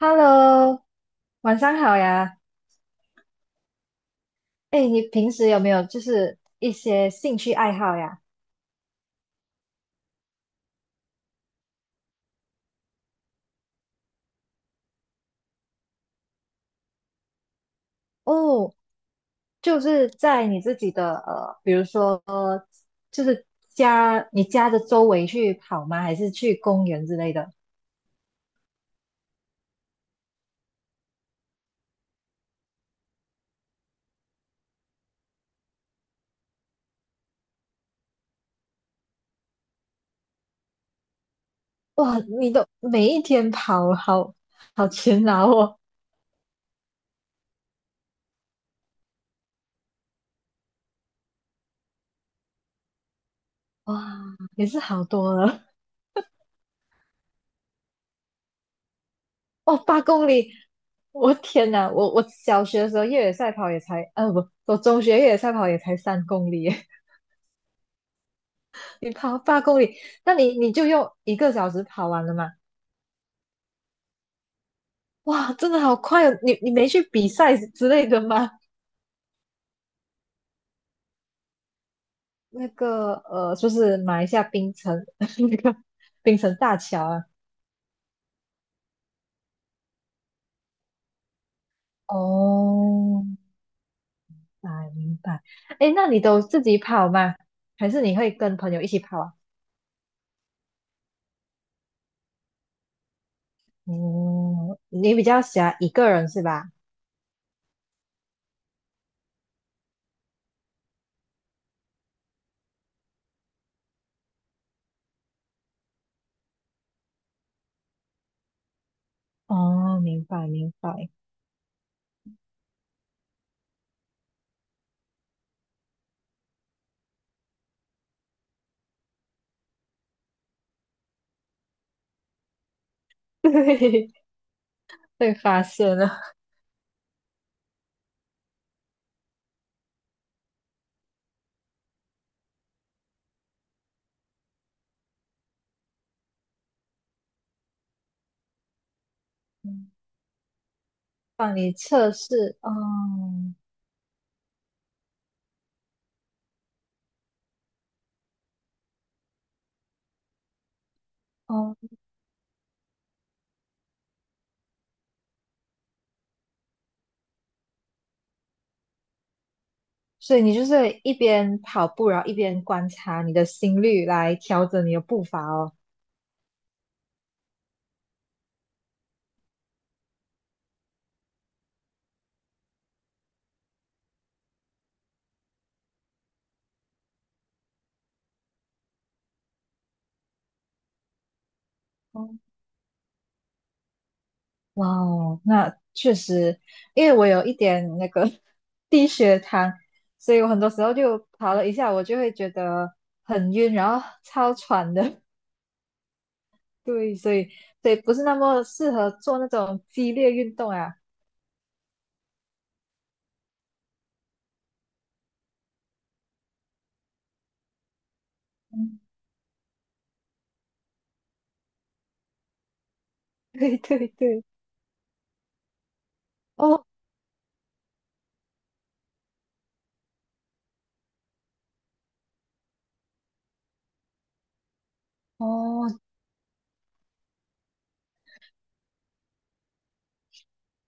Hello，晚上好呀。哎，你平时有没有就是一些兴趣爱好呀？哦，就是在你自己的比如说就是你家的周围去跑吗？还是去公园之类的？哇，你都每一天跑，好好勤劳哦。哇，也是好多了。哦，八公里，我天哪！我小学的时候越野赛跑也才，不，我中学越野赛跑也才3公里。你跑八公里，那你就用一个小时跑完了吗？哇，真的好快哦！你没去比赛之类的吗？那个，就是马来西亚槟城 那个槟城大桥啊。哦，明白明白。哎，那你都自己跑吗？还是你会跟朋友一起跑啊？哦，你比较喜欢一个人是吧？哦，明白明白。对，被发现了，嗯帮你测试。哦哦，所以你就是一边跑步，然后一边观察你的心率来调整你的步伐哦。哦，哇哦，那确实，因为我有一点那个 低血糖，所以我很多时候就跑了一下，我就会觉得很晕，然后超喘的。对，所以不是那么适合做那种激烈运动啊。嗯 对对对，哦。哦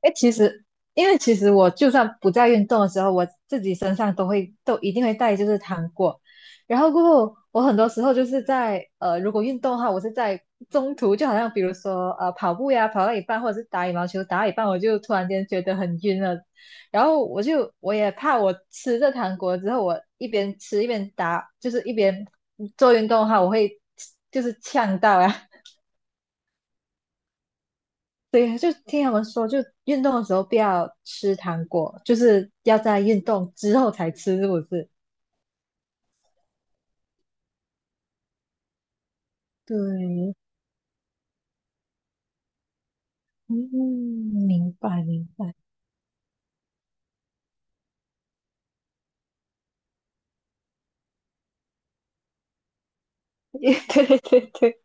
哎，其实我就算不在运动的时候，我自己身上都一定会带就是糖果，然后过后我很多时候就是如果运动的话，我是在中途，就好像比如说跑步呀，跑到一半或者是打羽毛球打到一半，我就突然间觉得很晕了，然后我也怕我吃这糖果之后，我一边吃一边打，就是一边做运动的话，我会就是呛到呀，对，呀，就听他们说，就运动的时候不要吃糖果，就是要在运动之后才吃，是不是？对，嗯，明白明白，对对对对，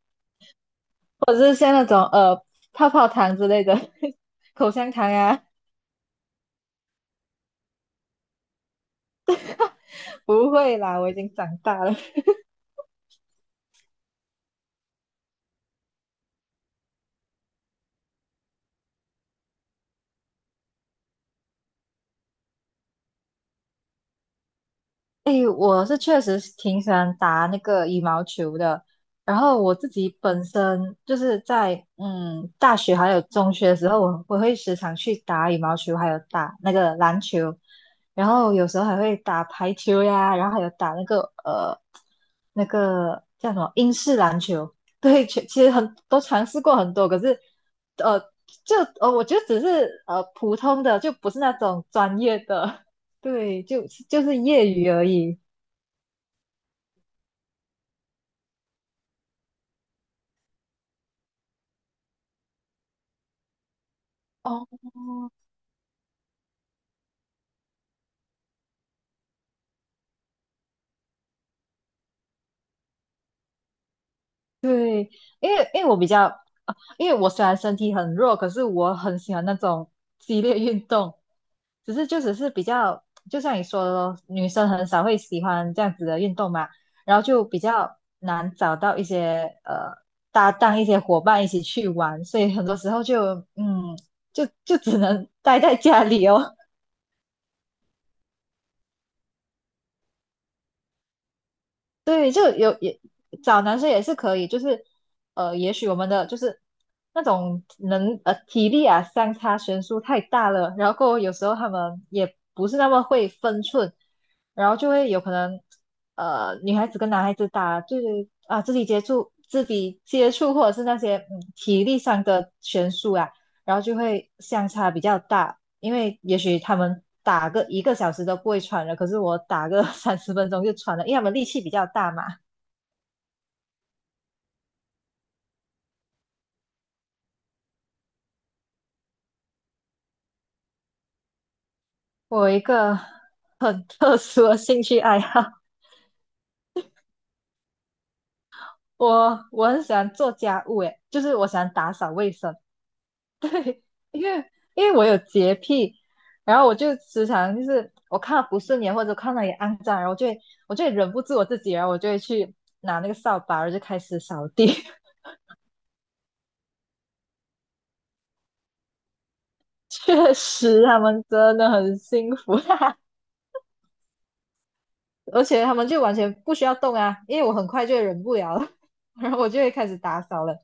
或者是像那种泡泡糖之类的，口香糖啊，不会啦，我已经长大了。诶，确实是挺喜欢打那个羽毛球的。然后我自己本身就是在大学还有中学的时候，我会时常去打羽毛球，还有打那个篮球，然后有时候还会打排球呀，然后还有打那个叫什么英式篮球。对，其实很都尝试过很多，可是呃就我觉得只是普通的，就不是那种专业的。对，就是业余而已。哦，对，因为我比较，因为我虽然身体很弱，可是我很喜欢那种激烈运动，只是比较，就像你说的咯女生很少会喜欢这样子的运动嘛，然后就比较难找到一些搭档、一些伙伴一起去玩，所以很多时候嗯，就只能待在家里哦。对，就有也找男生也是可以，就是也许我们的就是那种体力啊相差悬殊太大了，然后过后有时候他们也不是那么会分寸，然后就会有可能女孩子跟男孩子打就是啊肢体接触、肢体接触或者是那些体力上的悬殊啊，然后就会相差比较大，因为也许他们打个一个小时都不会喘了，可是我打个 30分钟就喘了，因为他们力气比较大嘛。我有一个很特殊的兴趣爱好，我很喜欢做家务，诶，就是我喜欢打扫卫生，因为因为我有洁癖，然后我就时常就是我看到不顺眼或者看到也肮脏，然后我就会忍不住我自己，然后我就会去拿那个扫把，然后就开始扫地。确实，他们真的很辛苦，而且他们就完全不需要动啊，因为我很快就忍不了了，然后我就会开始打扫了。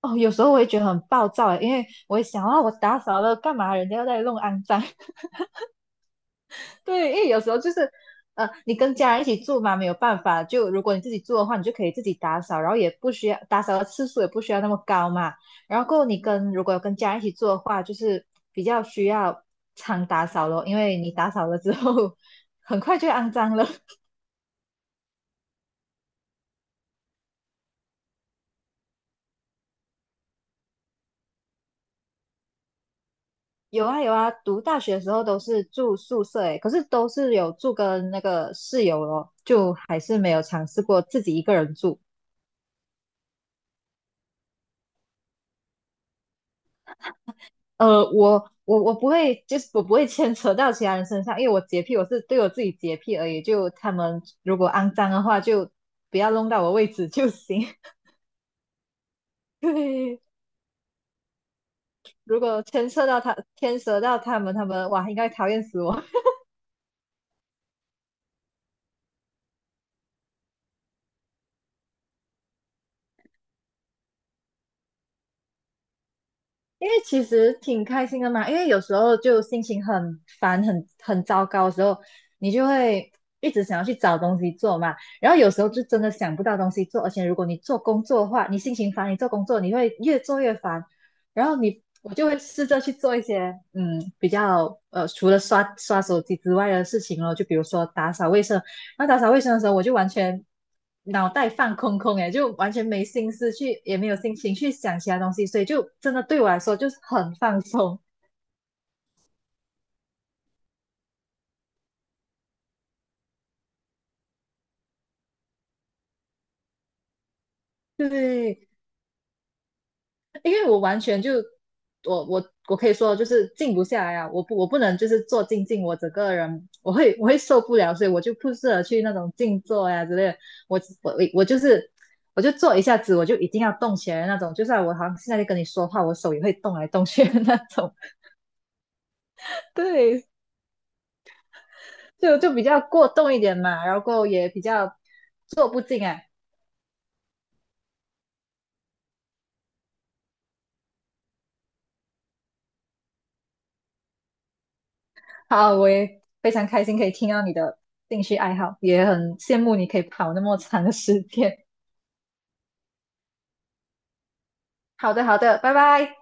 哦，有时候我也觉得很暴躁欸，因为我也想啊，我打扫了干嘛？人家要在弄肮脏。对，因为有时候就是，你跟家人一起住嘛，没有办法。就如果你自己住的话，你就可以自己打扫，然后也不需要打扫的次数也不需要那么高嘛。然后过后如果有跟家人一起住的话，就是比较需要常打扫咯，因为你打扫了之后，很快就会肮脏了。有啊有啊，读大学的时候都是住宿舍诶，可是都是有住跟那个室友咯，就还是没有尝试过自己一个人住。我不会，就是我不会牵扯到其他人身上，因为我洁癖，我是对我自己洁癖而已。就他们如果肮脏的话，就不要弄到我位置就行。对，如果牵扯到他，牵扯到他们，他们哇，应该讨厌死我。因为其实挺开心的嘛，因为有时候就心情很烦、很糟糕的时候，你就会一直想要去找东西做嘛。然后有时候就真的想不到东西做，而且如果你做工作的话，你心情烦，你做工作你会越做越烦，然后我就会试着去做一些比较除了刷刷手机之外的事情咯，就比如说打扫卫生。那打扫卫生的时候，我就完全脑袋放空空，诶，就完全没心思去，也没有心情去想其他东西，所以就真的对我来说就是很放松。对，因为我完全就我可以说就是静不下来啊，我不能就是坐静静，我整个人我会受不了，所以我就不适合去那种静坐呀、之类的。我我我就是我就坐一下子，我就一定要动起来的那种，就算我好像现在在跟你说话，我手也会动来动去的那种。对，就比较过动一点嘛，然后也比较坐不静啊。好，我也非常开心可以听到你的兴趣爱好，也很羡慕你可以跑那么长的时间。好的，好的，拜拜。